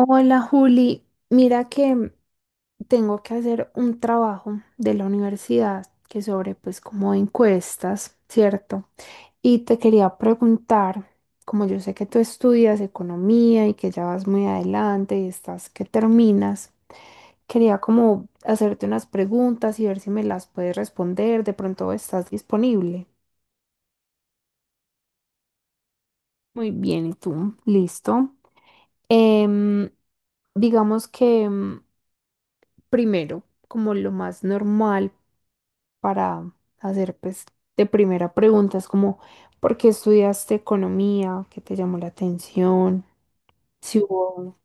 Hola Juli, mira que tengo que hacer un trabajo de la universidad que sobre pues como encuestas, ¿cierto? Y te quería preguntar, como yo sé que tú estudias economía y que ya vas muy adelante y estás que terminas, quería como hacerte unas preguntas y ver si me las puedes responder, de pronto estás disponible. Muy bien, ¿y tú? ¿Listo? Em, digamos que primero, como lo más normal para hacer, pues, de primera pregunta, es como, ¿por qué estudiaste economía? ¿Qué te llamó la atención? Si hubo...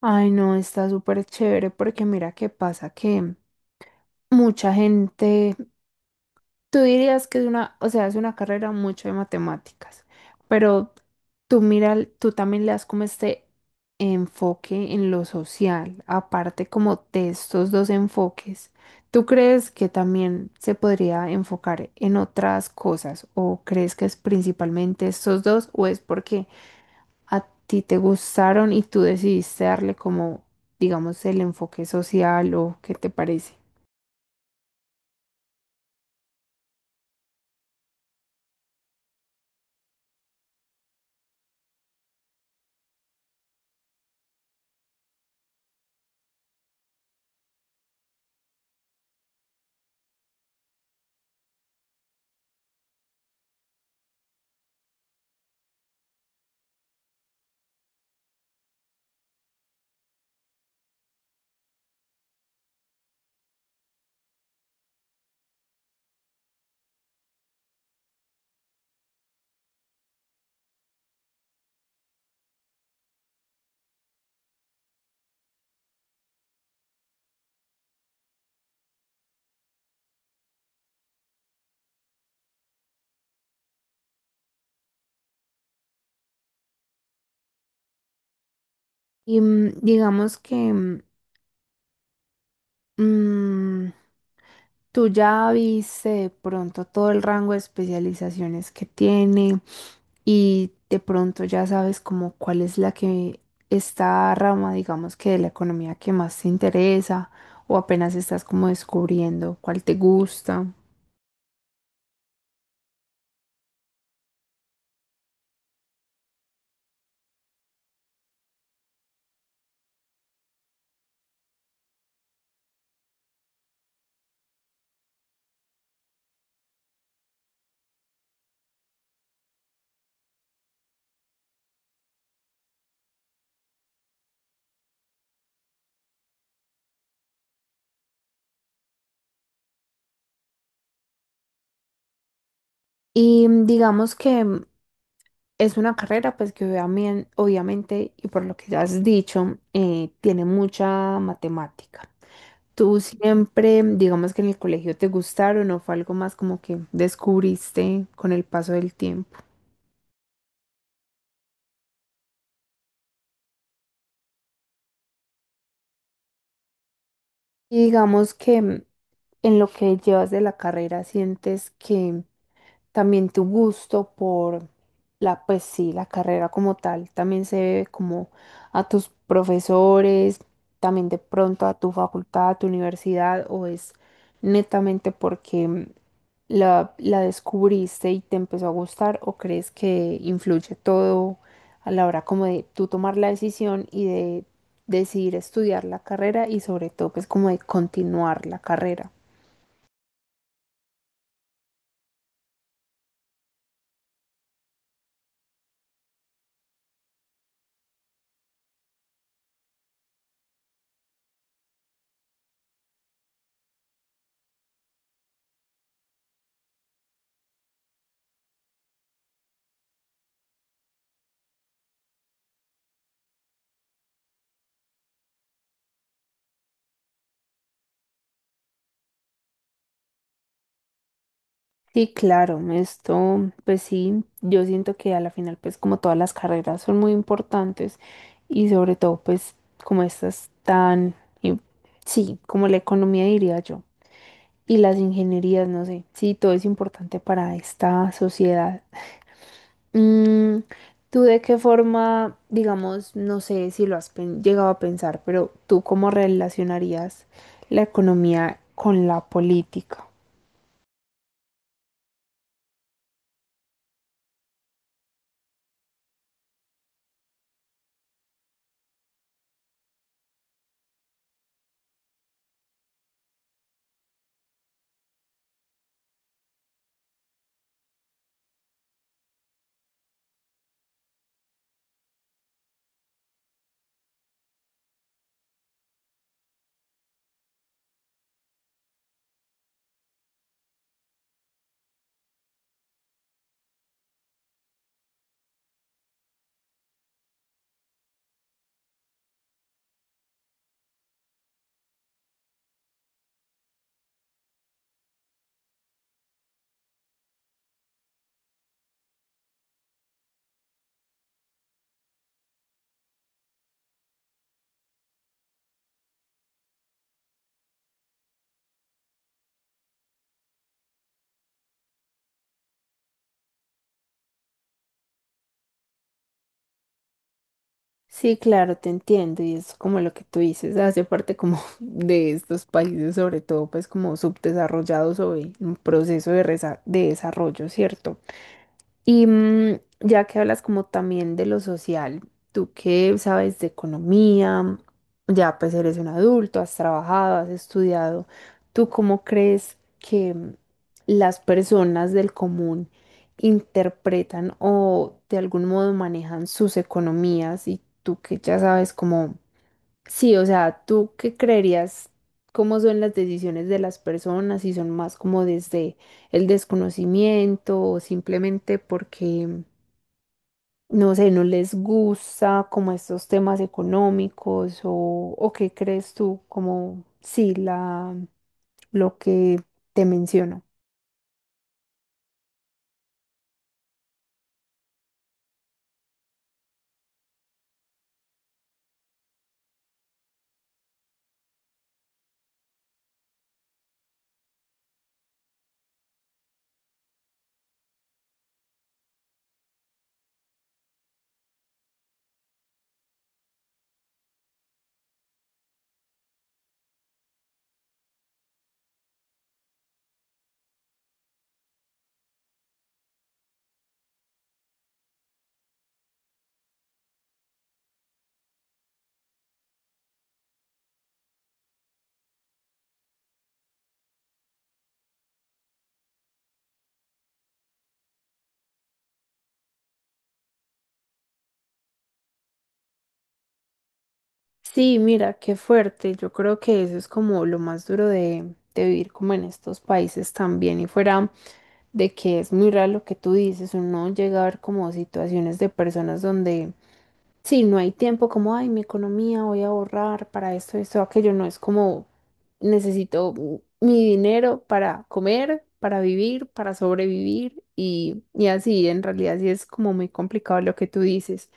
Ay, no, está súper chévere porque mira qué pasa que mucha gente. Tú dirías que es una, o sea, es una carrera mucho de matemáticas, pero tú mira, tú también le das como este enfoque en lo social, aparte como de estos dos enfoques. ¿Tú crees que también se podría enfocar en otras cosas o crees que es principalmente estos dos o es porque a ti te gustaron y tú decidiste darle como, digamos, el enfoque social o qué te parece? Y digamos que... Mm, tú ya viste de pronto todo el rango de especializaciones que tiene y de pronto ya sabes como cuál es la que, esta rama, digamos que de la economía que más te interesa o apenas estás como descubriendo cuál te gusta. Y digamos que es una carrera pues que obviamente y por lo que ya has dicho, tiene mucha matemática. ¿Tú siempre, digamos que en el colegio te gustaron o fue algo más como que descubriste con el paso del tiempo? Y digamos que en lo que llevas de la carrera sientes que también tu gusto por la, pues sí, la carrera como tal, también se debe como a tus profesores, también de pronto a tu facultad, a tu universidad, o es netamente porque la descubriste y te empezó a gustar, o crees que influye todo a la hora como de tú tomar la decisión y de decidir estudiar la carrera y sobre todo pues como de continuar la carrera. Sí, claro, esto, pues sí, yo siento que a la final, pues como todas las carreras son muy importantes y sobre todo, pues como estas tan, y- sí, como la economía diría yo, y las ingenierías, no sé, sí, todo es importante para esta sociedad. Mm, ¿Tú de qué forma, digamos, no sé si lo has llegado a pensar, pero tú cómo relacionarías la economía con la política? Sí, claro, te entiendo y es como lo que tú dices, hace parte como de estos países, sobre todo pues como subdesarrollados o en un proceso de, de desarrollo, ¿cierto? Y ya que hablas como también de lo social, tú que sabes de economía, ya pues eres un adulto, has trabajado, has estudiado, ¿tú cómo crees que las personas del común interpretan o de algún modo manejan sus economías y tú que ya sabes cómo? Sí, o sea, ¿tú qué creerías? ¿Cómo son las decisiones de las personas? Si son más como desde el desconocimiento o simplemente porque, no sé, no les gusta como estos temas económicos o qué crees tú como, sí, la, lo que te menciono. Sí, mira, qué fuerte. Yo creo que eso es como lo más duro de vivir como en estos países también. Y fuera de que es muy raro lo que tú dices, uno llega a ver como situaciones de personas donde sí, no hay tiempo, como, ay, mi economía, voy a ahorrar para esto, esto, aquello. No es como necesito mi dinero para comer, para vivir, para sobrevivir y así. En realidad sí es como muy complicado lo que tú dices.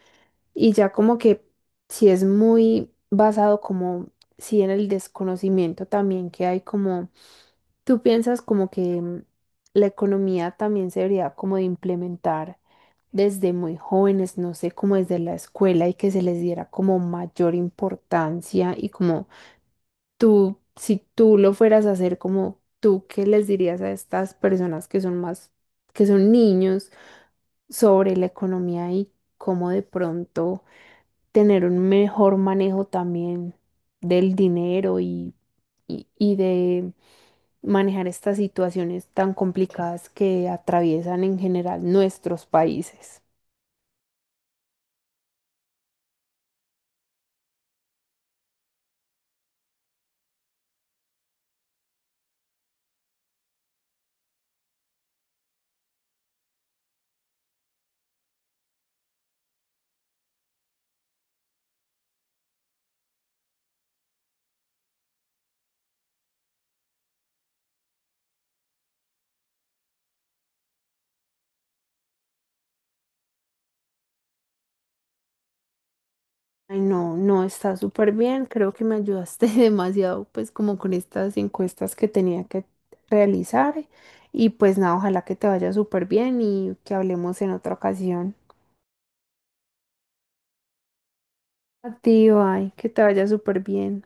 Y ya como que si es muy basado como, si en el desconocimiento también que hay como, tú piensas como que la economía también se debería como de implementar desde muy jóvenes, no sé, como desde la escuela y que se les diera como mayor importancia y como tú, si tú lo fueras a hacer como tú, ¿qué les dirías a estas personas que son más, que son niños sobre la economía y cómo de pronto tener un mejor manejo también del dinero y de manejar estas situaciones tan complicadas que atraviesan en general nuestros países? Ay, no, no está súper bien. Creo que me ayudaste demasiado, pues como con estas encuestas que tenía que realizar. Y pues nada, ojalá que te vaya súper bien y que hablemos en otra ocasión. A ti, ay, que te vaya súper bien.